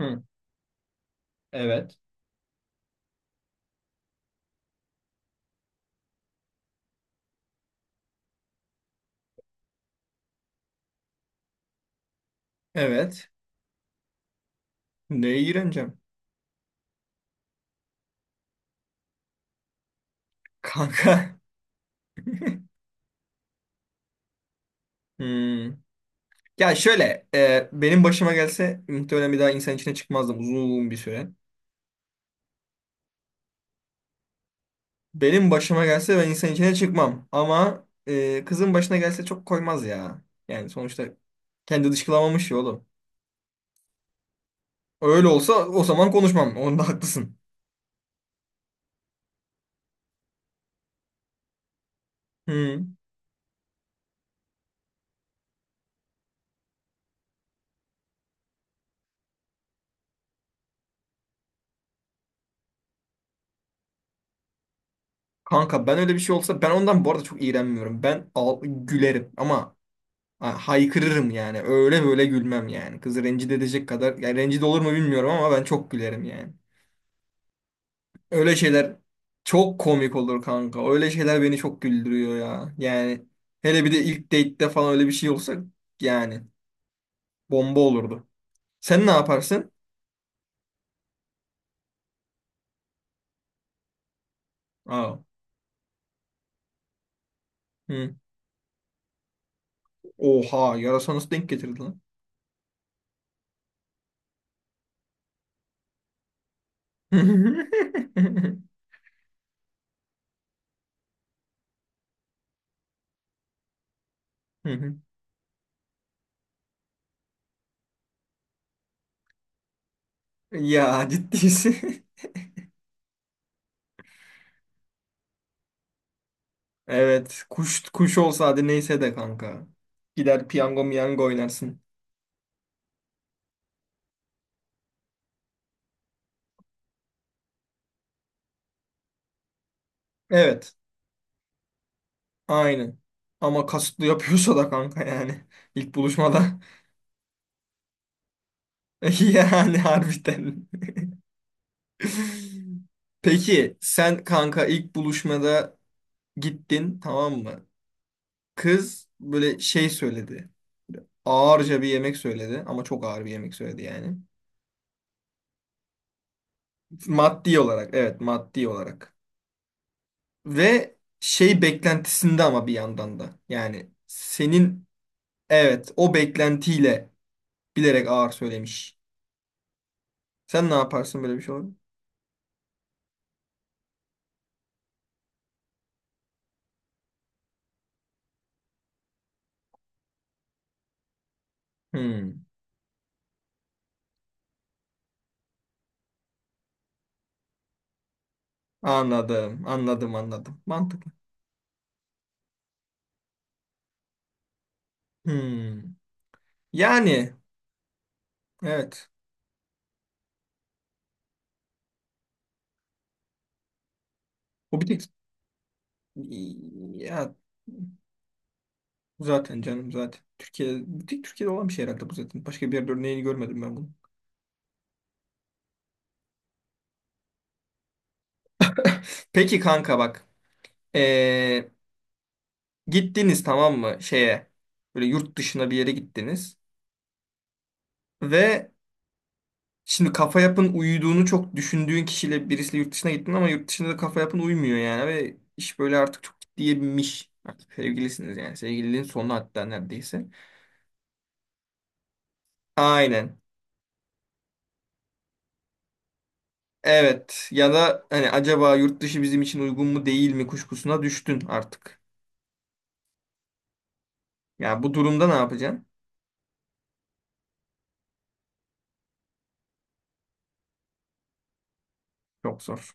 Hı, evet. Evet. Neye iğreneceğim? Kanka. Hmm. Ya şöyle. Benim başıma gelse muhtemelen bir daha insan içine çıkmazdım uzun bir süre. Benim başıma gelse ben insan içine çıkmam. Ama kızın başına gelse çok koymaz ya. Yani sonuçta kendi dışkılamamış ya oğlum. Öyle olsa o zaman konuşmam. Onda haklısın. Hmm. Kanka, ben öyle bir şey olsa ben ondan bu arada çok iğrenmiyorum. Ben al gülerim ama ha, haykırırım yani. Öyle böyle gülmem yani. Kızı rencide edecek kadar. Yani rencide olur mu bilmiyorum ama ben çok gülerim yani. Öyle şeyler çok komik olur kanka. Öyle şeyler beni çok güldürüyor ya. Yani hele bir de ilk date'de falan öyle bir şey olsa, yani bomba olurdu. Sen ne yaparsın? Aa. Hı. Oha, yarasa nasıl denk getirdi lan? Hı hı. Ya ciddiysin. Evet. Kuş kuş olsa hadi neyse de kanka. Gider piyango miyango oynarsın. Evet. Aynen. Ama kasıtlı yapıyorsa da kanka yani. İlk buluşmada. Yani harbiden. Peki sen kanka ilk buluşmada gittin tamam mı? Kız böyle şey söyledi. Ağırca bir yemek söyledi ama çok ağır bir yemek söyledi yani. Maddi olarak, evet, maddi olarak. Ve şey beklentisinde ama bir yandan da. Yani senin evet, o beklentiyle bilerek ağır söylemiş. Sen ne yaparsın böyle bir şey olur? Hmm, anladım, anladım, anladım. Mantıklı. Hmm. Yani evet. O bir tek ya zaten canım zaten. Türkiye, bir tek Türkiye'de olan bir şey herhalde bu zaten. Başka bir yerde örneğini görmedim ben bunu. Peki kanka bak. Ee, Gittiniz tamam mı şeye? Böyle yurt dışına bir yere gittiniz ve şimdi kafa yapın uyuduğunu çok düşündüğün kişiyle birisiyle yurt dışına gittin ama yurt dışında da kafa yapın uymuyor yani ve iş böyle artık çok ciddiye binmiş. Artık sevgilisiniz yani sevgililiğin sonu hatta neredeyse. Aynen. Evet ya da hani acaba yurt dışı bizim için uygun mu değil mi kuşkusuna düştün artık. Ya bu durumda ne yapacaksın? Çok zor.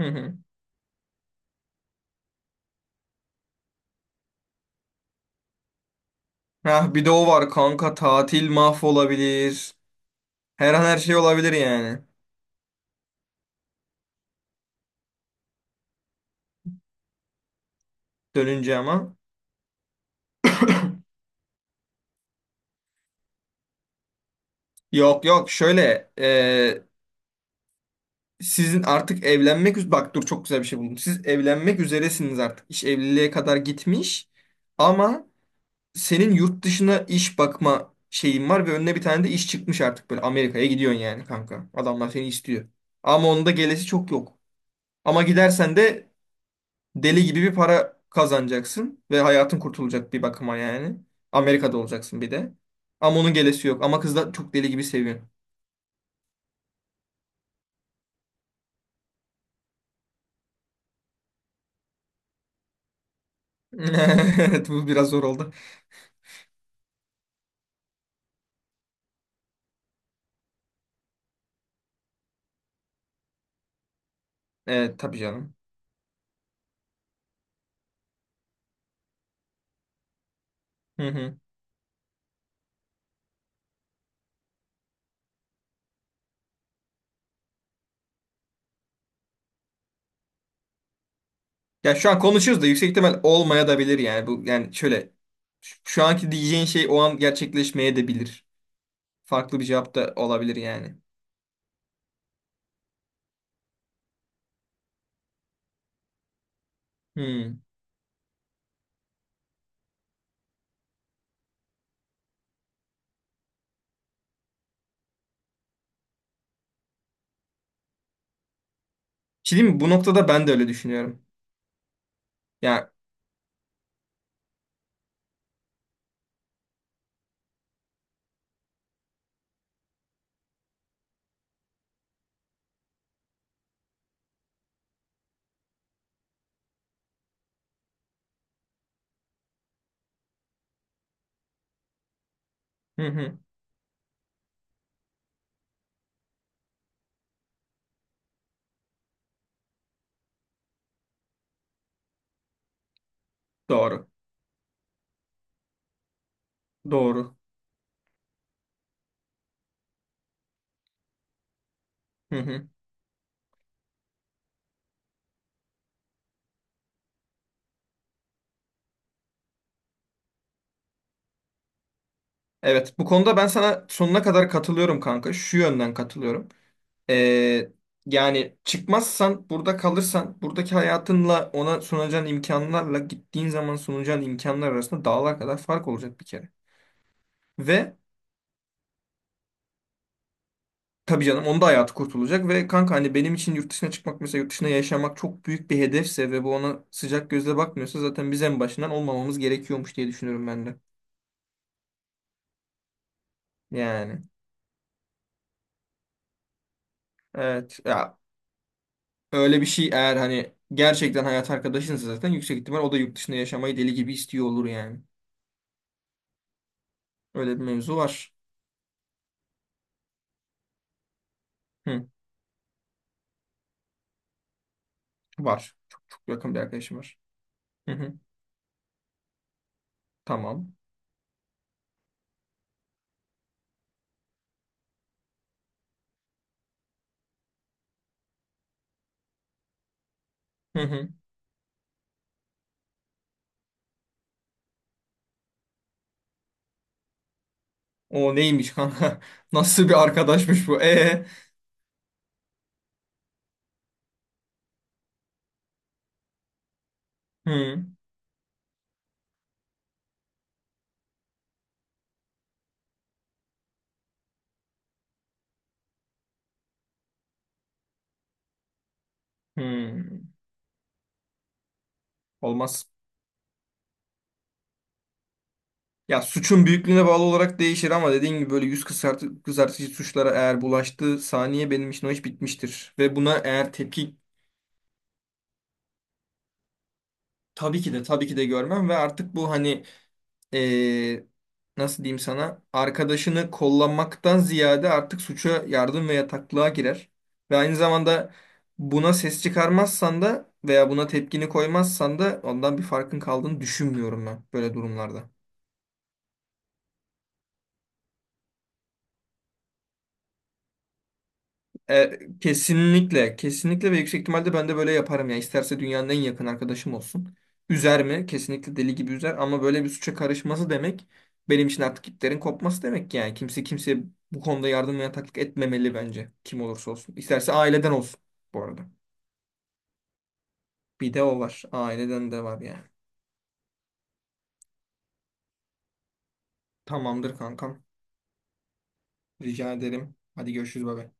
Hı hı. Ah, bir de o var kanka, tatil mahvolabilir. Her an her şey olabilir yani. Dönünce ama. Yok yok, şöyle, sizin artık evlenmek üz- bak dur, çok güzel bir şey buldum. Siz evlenmek üzeresiniz artık. İş evliliğe kadar gitmiş ama senin yurt dışına iş bakma şeyin var ve önüne bir tane de iş çıkmış, artık böyle Amerika'ya gidiyorsun yani kanka. Adamlar seni istiyor. Ama onun da gelesi çok yok. Ama gidersen de deli gibi bir para kazanacaksın ve hayatın kurtulacak bir bakıma yani. Amerika'da olacaksın bir de. Ama onun gelesi yok. Ama kız da çok deli gibi seviyor. Evet, bu biraz zor oldu. Evet tabii canım. Hı hı. Ya şu an konuşuyoruz da yüksek ihtimal olmaya da bilir yani. Bu yani şöyle, şu anki diyeceğin şey o an gerçekleşmeye de bilir. Farklı bir cevap da olabilir yani. Hmm. Bir şey diyeyim mi? Bu noktada ben de öyle düşünüyorum. Ya, hı hı. Doğru. Doğru. Hı hı. Evet, bu konuda ben sana sonuna kadar katılıyorum kanka. Şu yönden katılıyorum. Ee, Yani çıkmazsan, burada kalırsan, buradaki hayatınla ona sunacağın imkanlarla gittiğin zaman sunacağın imkanlar arasında dağlar kadar fark olacak bir kere. Ve tabii canım, onda da hayatı kurtulacak ve kanka hani benim için yurt dışına çıkmak mesela yurt dışına yaşamak çok büyük bir hedefse ve bu ona sıcak gözle bakmıyorsa zaten biz en başından olmamamız gerekiyormuş diye düşünüyorum ben de. Yani evet ya, öyle bir şey eğer hani gerçekten hayat arkadaşınsa zaten yüksek ihtimal o da yurt dışında yaşamayı deli gibi istiyor olur yani. Öyle bir mevzu var. Hı, var. Çok yakın bir arkadaşım var. Hı hı, tamam. Hı hı. O neymiş kanka? Nasıl bir arkadaşmış bu? E. Hı. Hı. Olmaz. Ya suçun büyüklüğüne bağlı olarak değişir ama dediğin gibi böyle yüz kızartı, kızartıcı suçlara eğer bulaştığı saniye benim için o iş bitmiştir. Ve buna eğer tepki tabii ki de, tabii ki de görmem ve artık bu hani eee, nasıl diyeyim sana, arkadaşını kollamaktan ziyade artık suça yardım ve yataklığa girer. Ve aynı zamanda buna ses çıkarmazsan da veya buna tepkini koymazsan da ondan bir farkın kaldığını düşünmüyorum ben böyle durumlarda. E, kesinlikle, kesinlikle ve yüksek ihtimalle ben de böyle yaparım ya. İsterse dünyanın en yakın arkadaşım olsun. Üzer mi? Kesinlikle deli gibi üzer ama böyle bir suça karışması demek benim için artık iplerin kopması demek yani. Kimse kimseye bu konuda yardım ve yataklık etmemeli bence. Kim olursa olsun. İsterse aileden olsun bu arada. Bir de o var. Aileden de var yani. Tamamdır kankam. Rica ederim. Hadi görüşürüz baba.